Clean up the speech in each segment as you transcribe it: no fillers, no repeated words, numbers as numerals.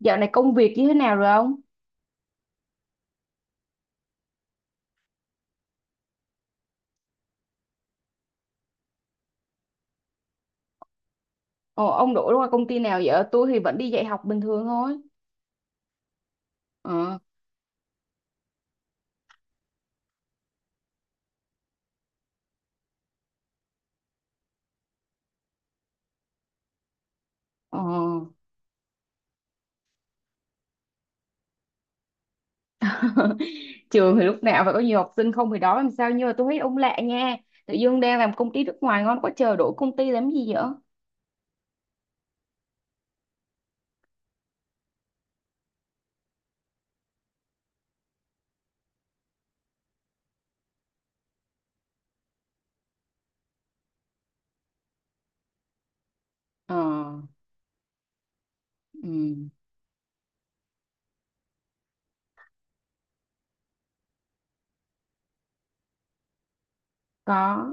Dạo này công việc như thế nào rồi ông? Ồ, ông đổi qua công ty nào vậy? Tôi thì vẫn đi dạy học bình thường thôi. Ờ, ờ. Trường thì lúc nào phải có nhiều học sinh không thì đó làm sao, nhưng mà tôi thấy ông lạ nha. Tự dưng đang làm công ty nước ngoài ngon quá trời đổi công ty làm gì vậy? Ờ, ừ. Có,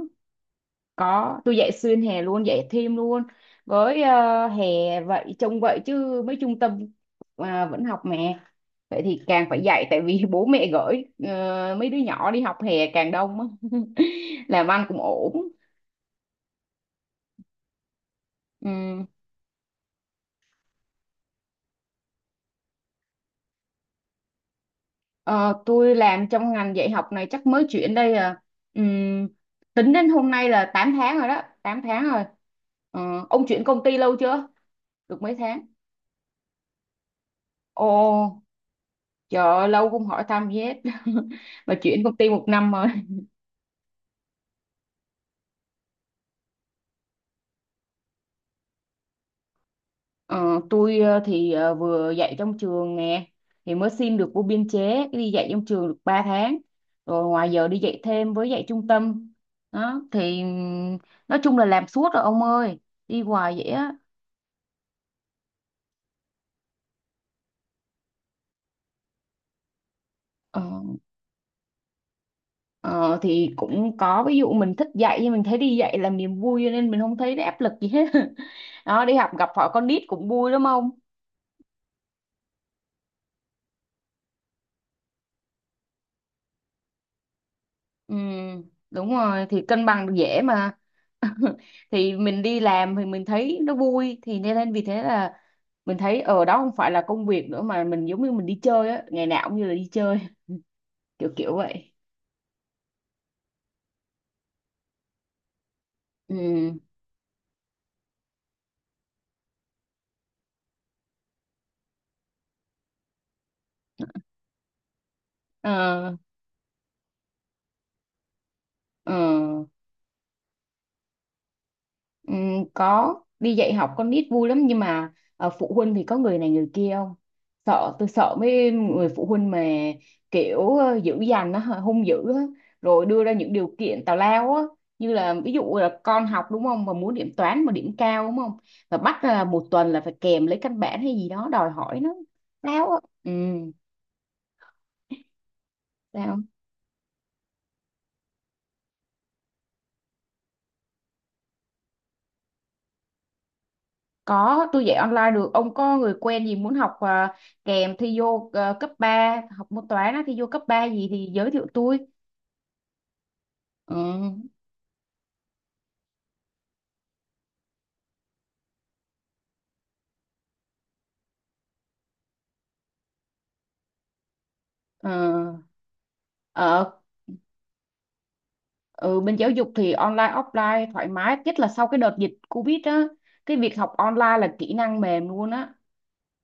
có. Tôi dạy xuyên hè luôn, dạy thêm luôn. Với hè vậy, trông vậy chứ mấy trung tâm à, vẫn học mà. Vậy thì càng phải dạy tại vì bố mẹ gửi mấy đứa nhỏ đi học hè càng đông á. Làm ăn cũng ổn. Ừm, ờ, tôi làm trong ngành dạy học này chắc mới chuyển đây à. Ừm, tính đến hôm nay là 8 tháng rồi đó, 8 tháng rồi. Ờ, ông chuyển công ty lâu chưa, được mấy tháng? Ồ, trời ơi, lâu không hỏi thăm gì hết. Mà chuyển công ty một năm rồi. Ờ, tôi vừa dạy trong trường nè, thì mới xin được vô biên chế đi dạy trong trường được 3 tháng, rồi ngoài giờ đi dạy thêm với dạy trung tâm đó thì nói chung là làm suốt rồi ông ơi, đi hoài vậy á. ờ, ờ, thì cũng có, ví dụ mình thích dạy, nhưng mình thấy đi dạy làm niềm vui cho nên mình không thấy nó áp lực gì hết. Đó, đi học gặp họ con nít cũng vui lắm không. Ừ, đúng rồi, thì cân bằng dễ mà. Thì mình đi làm thì mình thấy nó vui, thì nên nên vì thế là mình thấy ở đó không phải là công việc nữa, mà mình giống như mình đi chơi á, ngày nào cũng như là đi chơi. kiểu kiểu vậy. Ừ. Ờ. Ờ. Ừ, có, đi dạy học con nít vui lắm, nhưng mà phụ huynh thì có người này người kia không. Sợ, tôi sợ mấy người phụ huynh mà kiểu dữ dằn á, hung dữ á, rồi đưa ra những điều kiện tào lao á, như là ví dụ là con học đúng không, mà muốn điểm toán mà điểm cao đúng không, và bắt là một tuần là phải kèm lấy căn bản hay gì đó, đòi hỏi nó lao á. Ừ. Dạ. Có, tôi dạy online được. Ông có người quen gì muốn học à, kèm thi vô à, cấp 3 học môn toán á, thi vô cấp 3 gì thì giới thiệu tôi. Ừ. Ờ. Ờ. ừ, Bên giáo dục thì online, offline thoải mái. Nhất là sau cái đợt dịch Covid á, cái việc học online là kỹ năng mềm luôn á.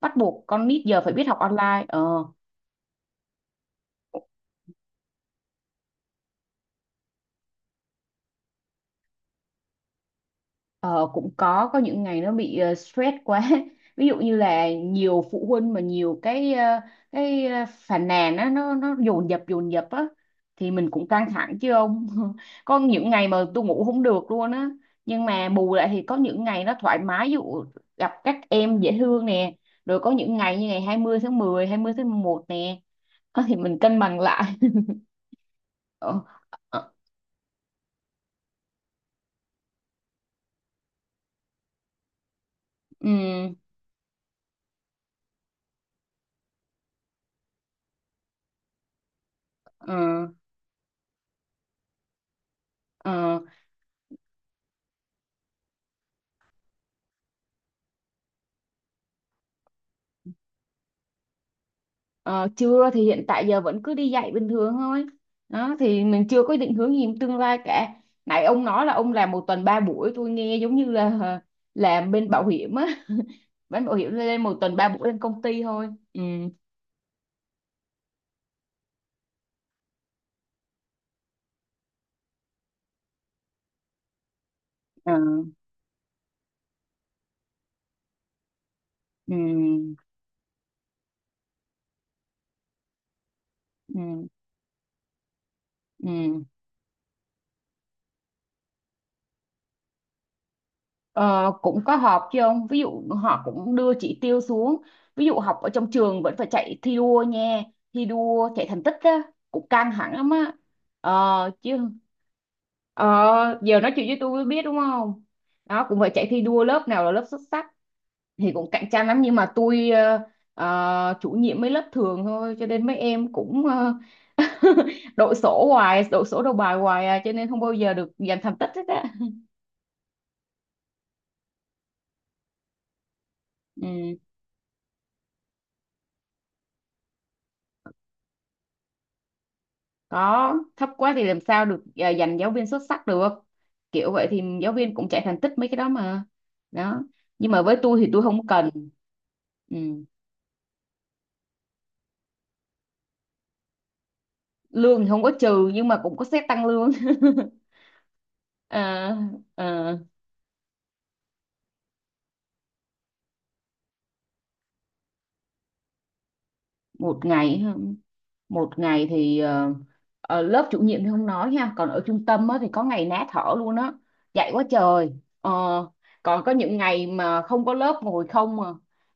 Bắt buộc con nít giờ phải biết học online. Ờ. Ờ, cũng có những ngày nó bị stress quá. Ví dụ như là nhiều phụ huynh mà nhiều cái phàn nàn á, nó dồn dập á, thì mình cũng căng thẳng chứ ông. Có những ngày mà tôi ngủ không được luôn á, nhưng mà bù lại thì có những ngày nó thoải mái, ví dụ gặp các em dễ thương nè, rồi có những ngày như ngày 20/10, 20/11 nè. Ờ, thì mình cân bằng lại. Ờ. Ờ. Ừ. Ờ. Ờ. Ờ, chưa, thì hiện tại giờ vẫn cứ đi dạy bình thường thôi đó, thì mình chưa có định hướng gì trong tương lai cả. Nãy ông nói là ông làm một tuần ba buổi, tôi nghe giống như là làm bên bảo hiểm á. Bên bảo hiểm lên một tuần ba buổi lên công ty thôi. Ừ. Ờ. Ừ. Ừ. Ừ. Ờ, cũng có họp chứ ông, ví dụ họ cũng đưa chỉ tiêu xuống, ví dụ học ở trong trường vẫn phải chạy thi đua nha, thi đua chạy thành tích á, cũng căng thẳng lắm á. Ờ chứ. Ờ, Giờ nói chuyện với tôi mới biết đúng không. Đó, cũng phải chạy thi đua lớp nào là lớp xuất sắc, thì cũng cạnh tranh lắm, nhưng mà tôi chủ nhiệm mấy lớp thường thôi cho nên mấy em cũng đội sổ hoài, đội sổ đầu bài hoài à, cho nên không bao giờ được giành thành tích hết á. Ừ. Có, thấp quá thì làm sao được à, giành giáo viên xuất sắc được, kiểu vậy thì giáo viên cũng chạy thành tích mấy cái đó mà. Đó, nhưng mà với tôi thì tôi không cần. Ừ. Lương thì không có trừ, nhưng mà cũng có xét tăng lương. À. À, một ngày, một ngày thì ở lớp chủ nhiệm thì không nói nha, còn ở trung tâm á, thì có ngày ná thở luôn á, dạy quá trời. Ờ, còn có những ngày mà không có lớp ngồi không mà.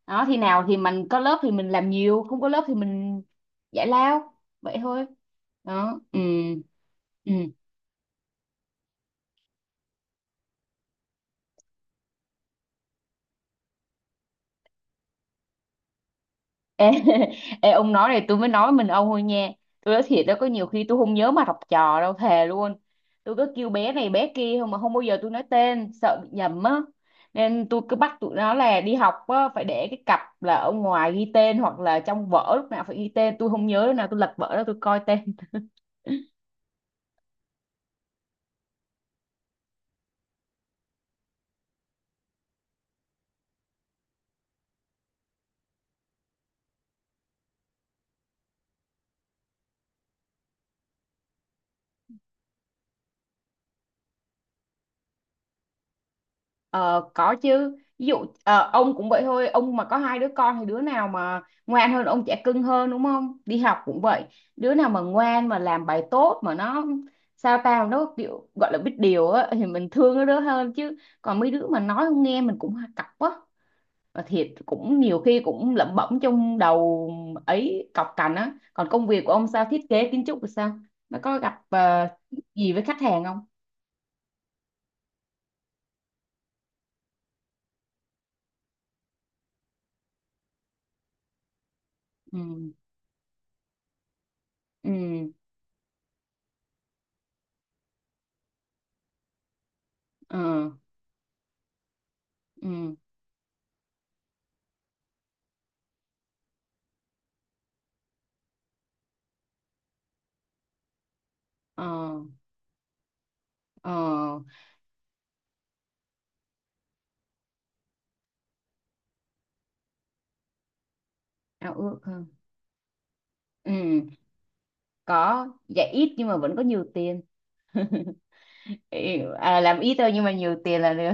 Đó thì nào thì mình có lớp thì mình làm nhiều, không có lớp thì mình giải lao, vậy thôi. Đó. Ừ. Ừ. Ê. Ê, ông nói này tôi mới nói mình ông thôi nha, tôi nói thiệt đó, có nhiều khi tôi không nhớ mặt học trò đâu, thề luôn. Tôi cứ kêu bé này bé kia thôi mà không bao giờ tôi nói tên, sợ bị nhầm á. Nên tôi cứ bắt tụi nó là đi học á, phải để cái cặp là ở ngoài ghi tên, hoặc là trong vở lúc nào phải ghi tên, tôi không nhớ, lúc nào tôi lật vở đó tôi coi tên. Ờ, có chứ, ví dụ ông cũng vậy thôi, ông mà có hai đứa con thì đứa nào mà ngoan hơn ông trẻ cưng hơn đúng không, đi học cũng vậy, đứa nào mà ngoan mà làm bài tốt mà nó sao tao nó kiểu gọi là biết điều á thì mình thương nó đứa hơn chứ, còn mấy đứa mà nói không nghe mình cũng cọc á, mà thiệt cũng nhiều khi cũng lẩm bẩm trong đầu ấy, cọc cành á. Còn công việc của ông sao, thiết kế kiến trúc thì sao, nó có gặp gì với khách hàng không? Ừ. Ừ. Ừ. Ừ. Ờ. Ờ, ao ước hơn. Ừ, có, dạ ít nhưng mà vẫn có nhiều tiền. Ý- à, làm ít thôi nhưng mà nhiều tiền là được.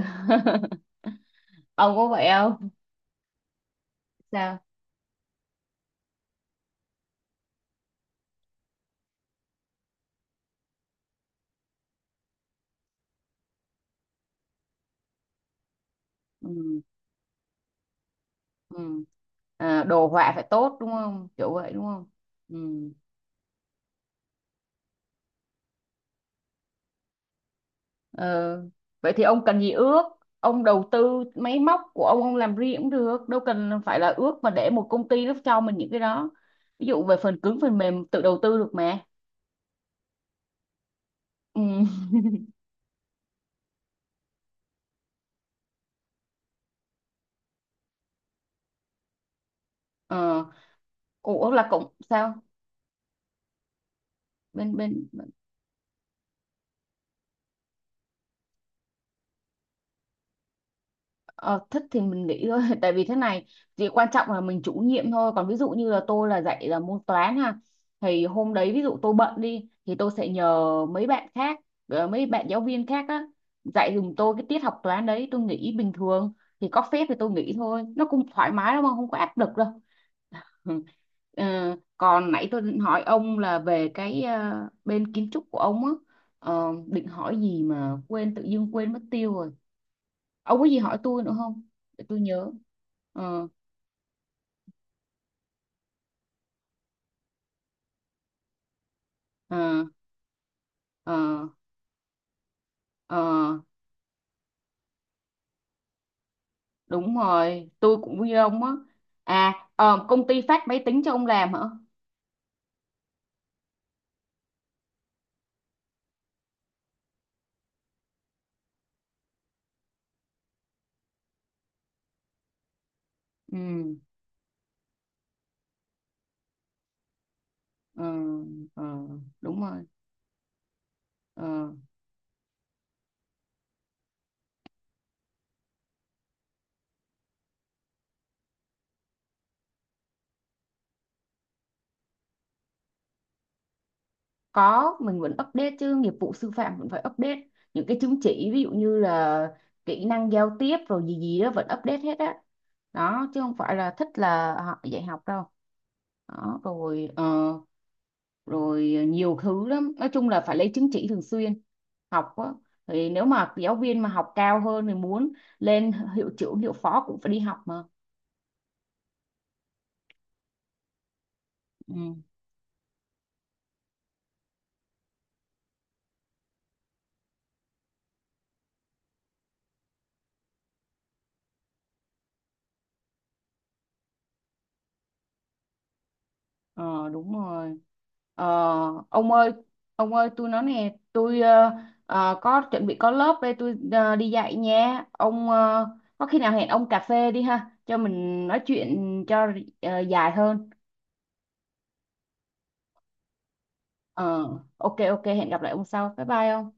Ông có vậy không? Sao? Ừ. Ừ. À, đồ họa phải tốt đúng không? Kiểu vậy đúng không? Ừ. Ờ, vậy thì ông cần gì ước? Ông đầu tư máy móc của ông làm riêng cũng được, đâu cần phải là ước mà để một công ty nó cho mình những cái đó. Ví dụ về phần cứng phần mềm tự đầu tư được mà. Ừ. Ờ, ủa là cũng sao? Bên bên ờ, thích thì mình nghĩ thôi. Tại vì thế này thì quan trọng là mình chủ nhiệm thôi, còn ví dụ như là tôi là dạy là môn toán ha, thì hôm đấy ví dụ tôi bận đi thì tôi sẽ nhờ mấy bạn khác, mấy bạn giáo viên khác á, dạy dùm tôi cái tiết học toán đấy, tôi nghỉ bình thường, thì có phép thì tôi nghỉ thôi, nó cũng thoải mái lắm mà không có áp lực đâu. Ừ. Ờ, còn nãy tôi định hỏi ông là về cái bên kiến trúc của ông á. Ờ, định hỏi gì mà quên, tự dưng quên mất tiêu rồi. Ông có gì hỏi tôi nữa không, để tôi nhớ. Ờ. Ờ. Ờ. Ờ. Đúng rồi, tôi cũng như ông á. À công ty phát máy tính cho ông làm hả? Ừ. Ờ. Ờ, đúng rồi. Ờ. Có, mình vẫn update chứ, nghiệp vụ sư phạm vẫn phải update những cái chứng chỉ, ví dụ như là kỹ năng giao tiếp rồi gì gì đó vẫn update hết á. Đó, chứ không phải là thích là họ dạy học đâu. Đó rồi rồi nhiều thứ lắm, nói chung là phải lấy chứng chỉ thường xuyên, học á. Thì nếu mà giáo viên mà học cao hơn thì muốn lên hiệu trưởng hiệu phó cũng phải đi học mà. Ừ. ờ, Đúng rồi. Ờ, ông ơi, ông ơi tôi nói nè, tôi có chuẩn bị có lớp đây, tôi đi dạy nha ông, có khi nào hẹn ông cà phê đi ha cho mình nói chuyện cho dài hơn. Ờ, ok ok hẹn gặp lại ông sau, bye bye ông.